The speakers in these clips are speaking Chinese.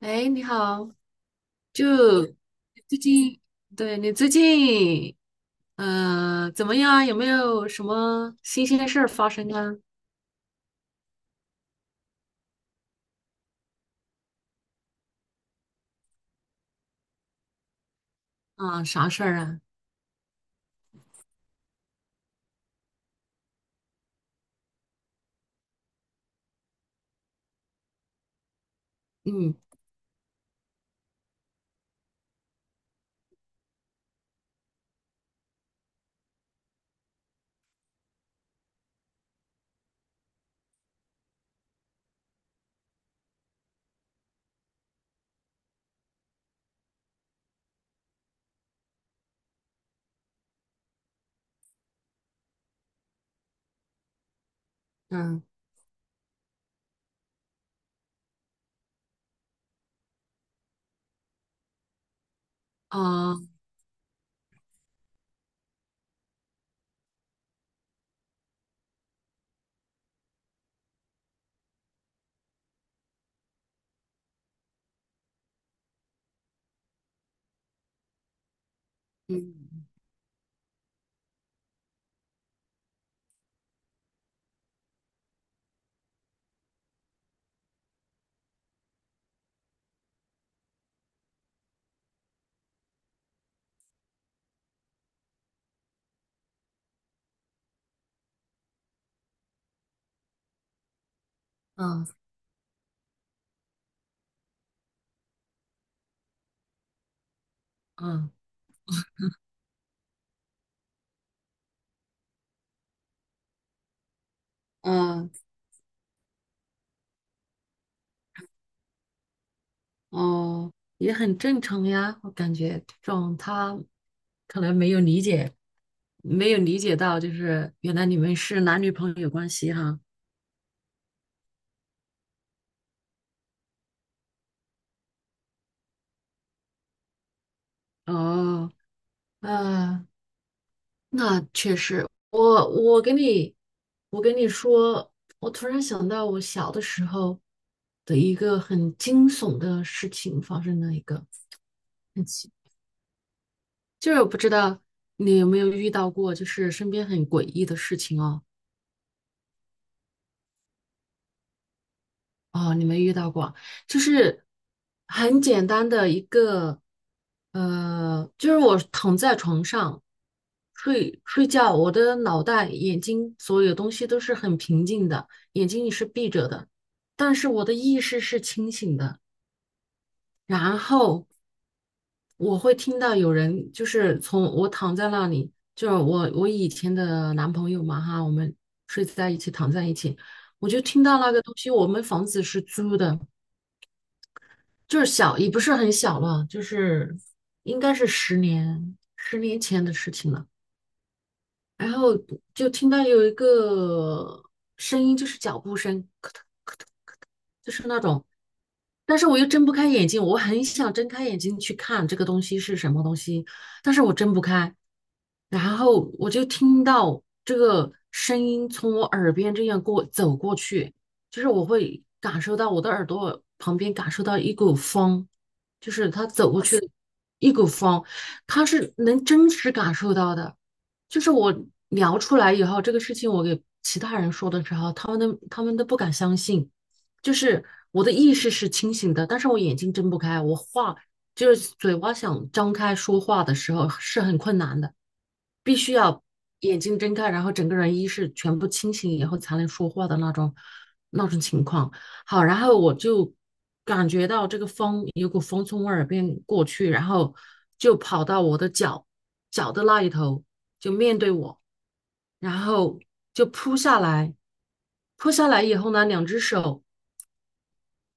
哎，你好，就最近，对你最近，怎么样？有没有什么新鲜事儿发生啊？啊，啥事儿啊？嗯嗯啊嗯嗯嗯嗯哦，也很正常呀。我感觉这种他可能没有理解，没有理解到，就是原来你们是男女朋友关系哈。哦，啊。那确实，我跟你说，我突然想到我小的时候的一个很惊悚的事情发生了一个很奇，就是我不知道你有没有遇到过，就是身边很诡异的事情哦。哦，你没遇到过，就是很简单的一个，就是我躺在床上睡觉，我的脑袋、眼睛所有东西都是很平静的，眼睛也是闭着的，但是我的意识是清醒的。然后我会听到有人，就是从我躺在那里，就是我以前的男朋友嘛哈，我们睡在一起，躺在一起，我就听到那个东西，我们房子是租的。就是小，也不是很小了，就是应该是十年前的事情了。然后就听到有一个声音，就是脚步声，咯噔咯噔咯噔，就是那种。但是我又睁不开眼睛，我很想睁开眼睛去看这个东西是什么东西，但是我睁不开。然后我就听到这个声音从我耳边这样走过去，就是我会感受到我的耳朵旁边感受到一股风，就是它走过去的一股风，它是能真实感受到的。就是我聊出来以后，这个事情我给其他人说的时候，他们都不敢相信。就是我的意识是清醒的，但是我眼睛睁不开，就是嘴巴想张开说话的时候是很困难的，必须要眼睛睁开，然后整个人意识全部清醒以后才能说话的那种情况。好，然后我就感觉到这个风有股风从我耳边过去，然后就跑到我的脚的那一头，就面对我。然后就扑下来，扑下来以后呢，两只手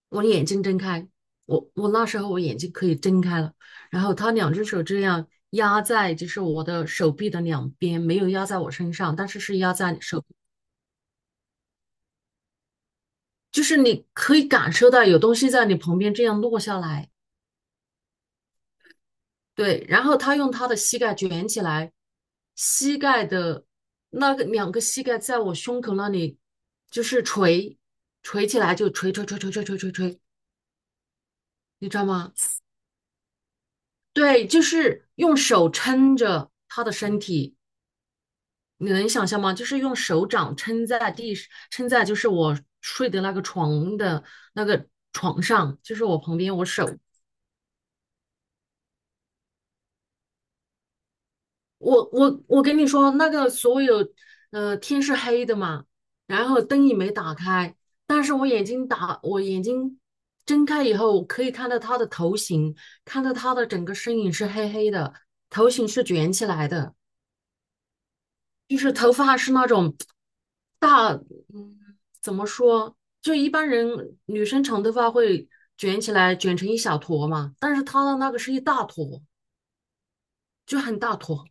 我的眼睛睁开，我那时候我眼睛可以睁开了，然后他两只手这样压在就是我的手臂的两边，没有压在我身上，但是是压在手，就是你可以感受到有东西在你旁边这样落下来。对，然后他用他的膝盖卷起来，膝盖的那个两个膝盖在我胸口那里就是捶起来，就捶捶捶捶捶捶捶捶，你知道吗？对，就是用手撑着他的身体。你能想象吗？就是用手掌撑在就是我睡的那个床的那个床上，就是我旁边，我手，我跟你说，那个所有，呃，天是黑的嘛，然后灯也没打开，但是我眼睛睁开以后，我可以看到他的头型，看到他的整个身影是黑黑的，头型是卷起来的。就是头发是那种大，嗯，怎么说？就一般人女生长头发会卷起来，卷成一小坨嘛，但是她的那个是一大坨，就很大坨。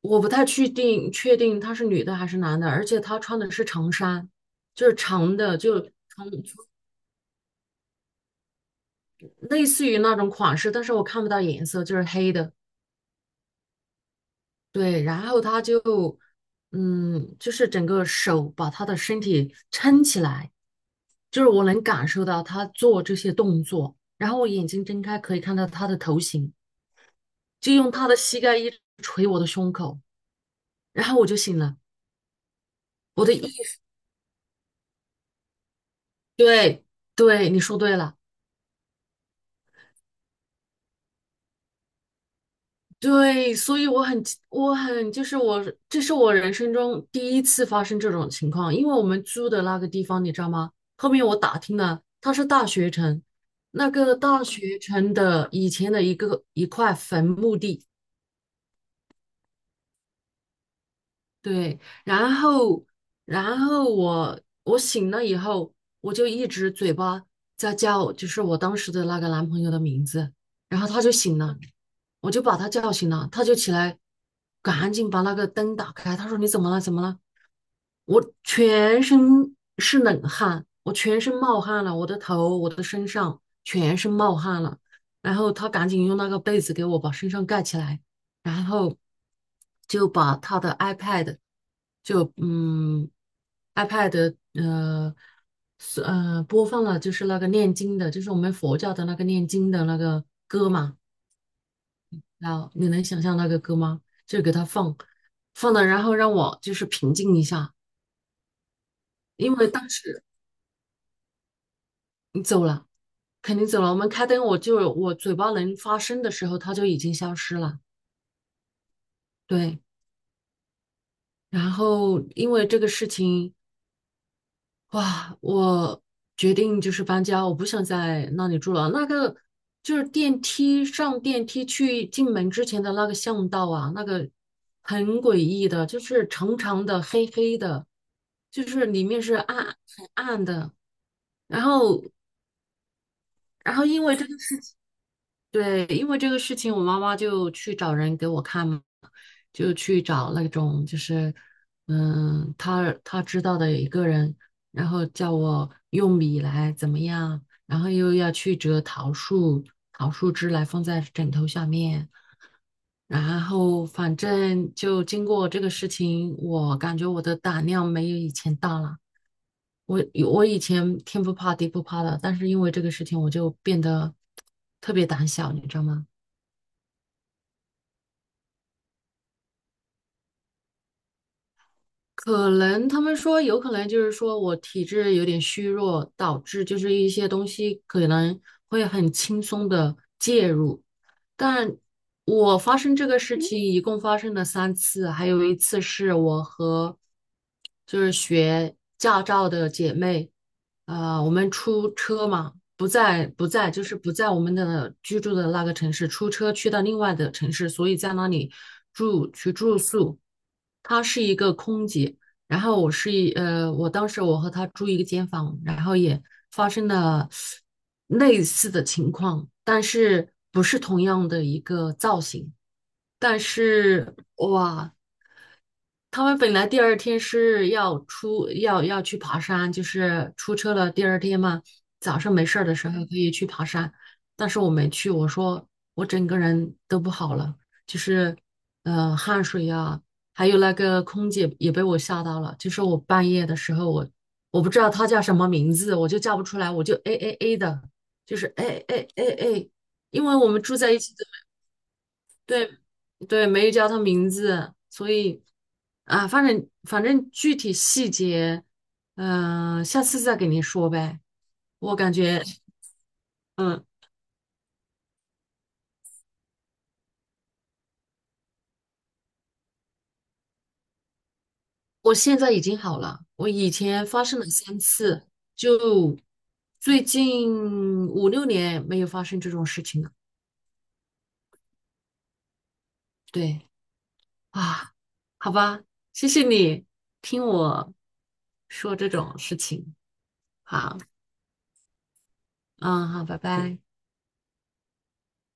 我不太确定，她是女的还是男的，而且她穿的是长衫，就是长的，就长，类似于那种款式，但是我看不到颜色，就是黑的。对，然后他就，嗯，就是整个手把他的身体撑起来，就是我能感受到他做这些动作，然后我眼睛睁开可以看到他的头型，就用他的膝盖一直捶我的胸口，然后我就醒了，我的意识，对对，你说对了。对，所以我很，我很，就是我，这是我人生中第1次发生这种情况。因为我们租的那个地方，你知道吗？后面我打听了，它是大学城，那个大学城的以前的一块坟墓地。对，然后，然后我我醒了以后，我就一直嘴巴在叫，就是我当时的那个男朋友的名字，然后他就醒了。我就把他叫醒了，他就起来，赶紧把那个灯打开。他说：“你怎么了？怎么了？”我全身是冷汗，我全身冒汗了，我的头、我的身上全身冒汗了。然后他赶紧用那个被子给我把身上盖起来，然后就把他的 iPad， 就嗯 iPad， 播放了就是那个念经的，就是我们佛教的那个念经的那个歌嘛。然后你能想象那个歌吗？就给他放，放了，然后让我就是平静一下，因为当时你走了，肯定走了。我们开灯，我嘴巴能发声的时候，他就已经消失了。对，然后因为这个事情，哇，我决定就是搬家，我不想在那里住了。那个就是电梯去进门之前的那个巷道啊，那个很诡异的，就是长长的、黑黑的，就是里面是暗很暗的。然后，然后因为这个对，因为这个事情，我妈妈就去找人给我看嘛，就去找那种就是，嗯，她知道的一个人，然后叫我用米来怎么样，然后又要去折桃树，桃树枝来放在枕头下面，然后反正就经过这个事情，我感觉我的胆量没有以前大了。我我以前天不怕地不怕的，但是因为这个事情，我就变得特别胆小，你知道吗？可能他们说有可能就是说我体质有点虚弱，导致就是一些东西可能会很轻松的介入。但我发生这个事情一共发生了三次，还有一次是我和就是学驾照的姐妹，呃，我们出车嘛，不在不在就是不在我们的居住的那个城市，出车去到另外的城市，所以在那里住宿。她是一个空姐，然后我是一呃，我当时我和他住一个间房，然后也发生了类似的情况，但是不是同样的一个造型，但是哇，他们本来第二天要去爬山，就是出车了。第二天嘛，早上没事儿的时候可以去爬山，但是我没去。我说我整个人都不好了，就是呃汗水呀、还有那个空姐也被我吓到了。就是我半夜的时候，我不知道她叫什么名字，我就叫不出来，我就哎哎哎的，就是哎哎哎哎，因为我们住在一起。对对，没有叫他名字，所以啊，反正具体细节，嗯、下次再给您说呗。我感觉，嗯，我现在已经好了，我以前发生了三次，就最近5、6年没有发生这种事情了。对啊，好吧，谢谢你听我说这种事情。好，嗯，好，拜拜。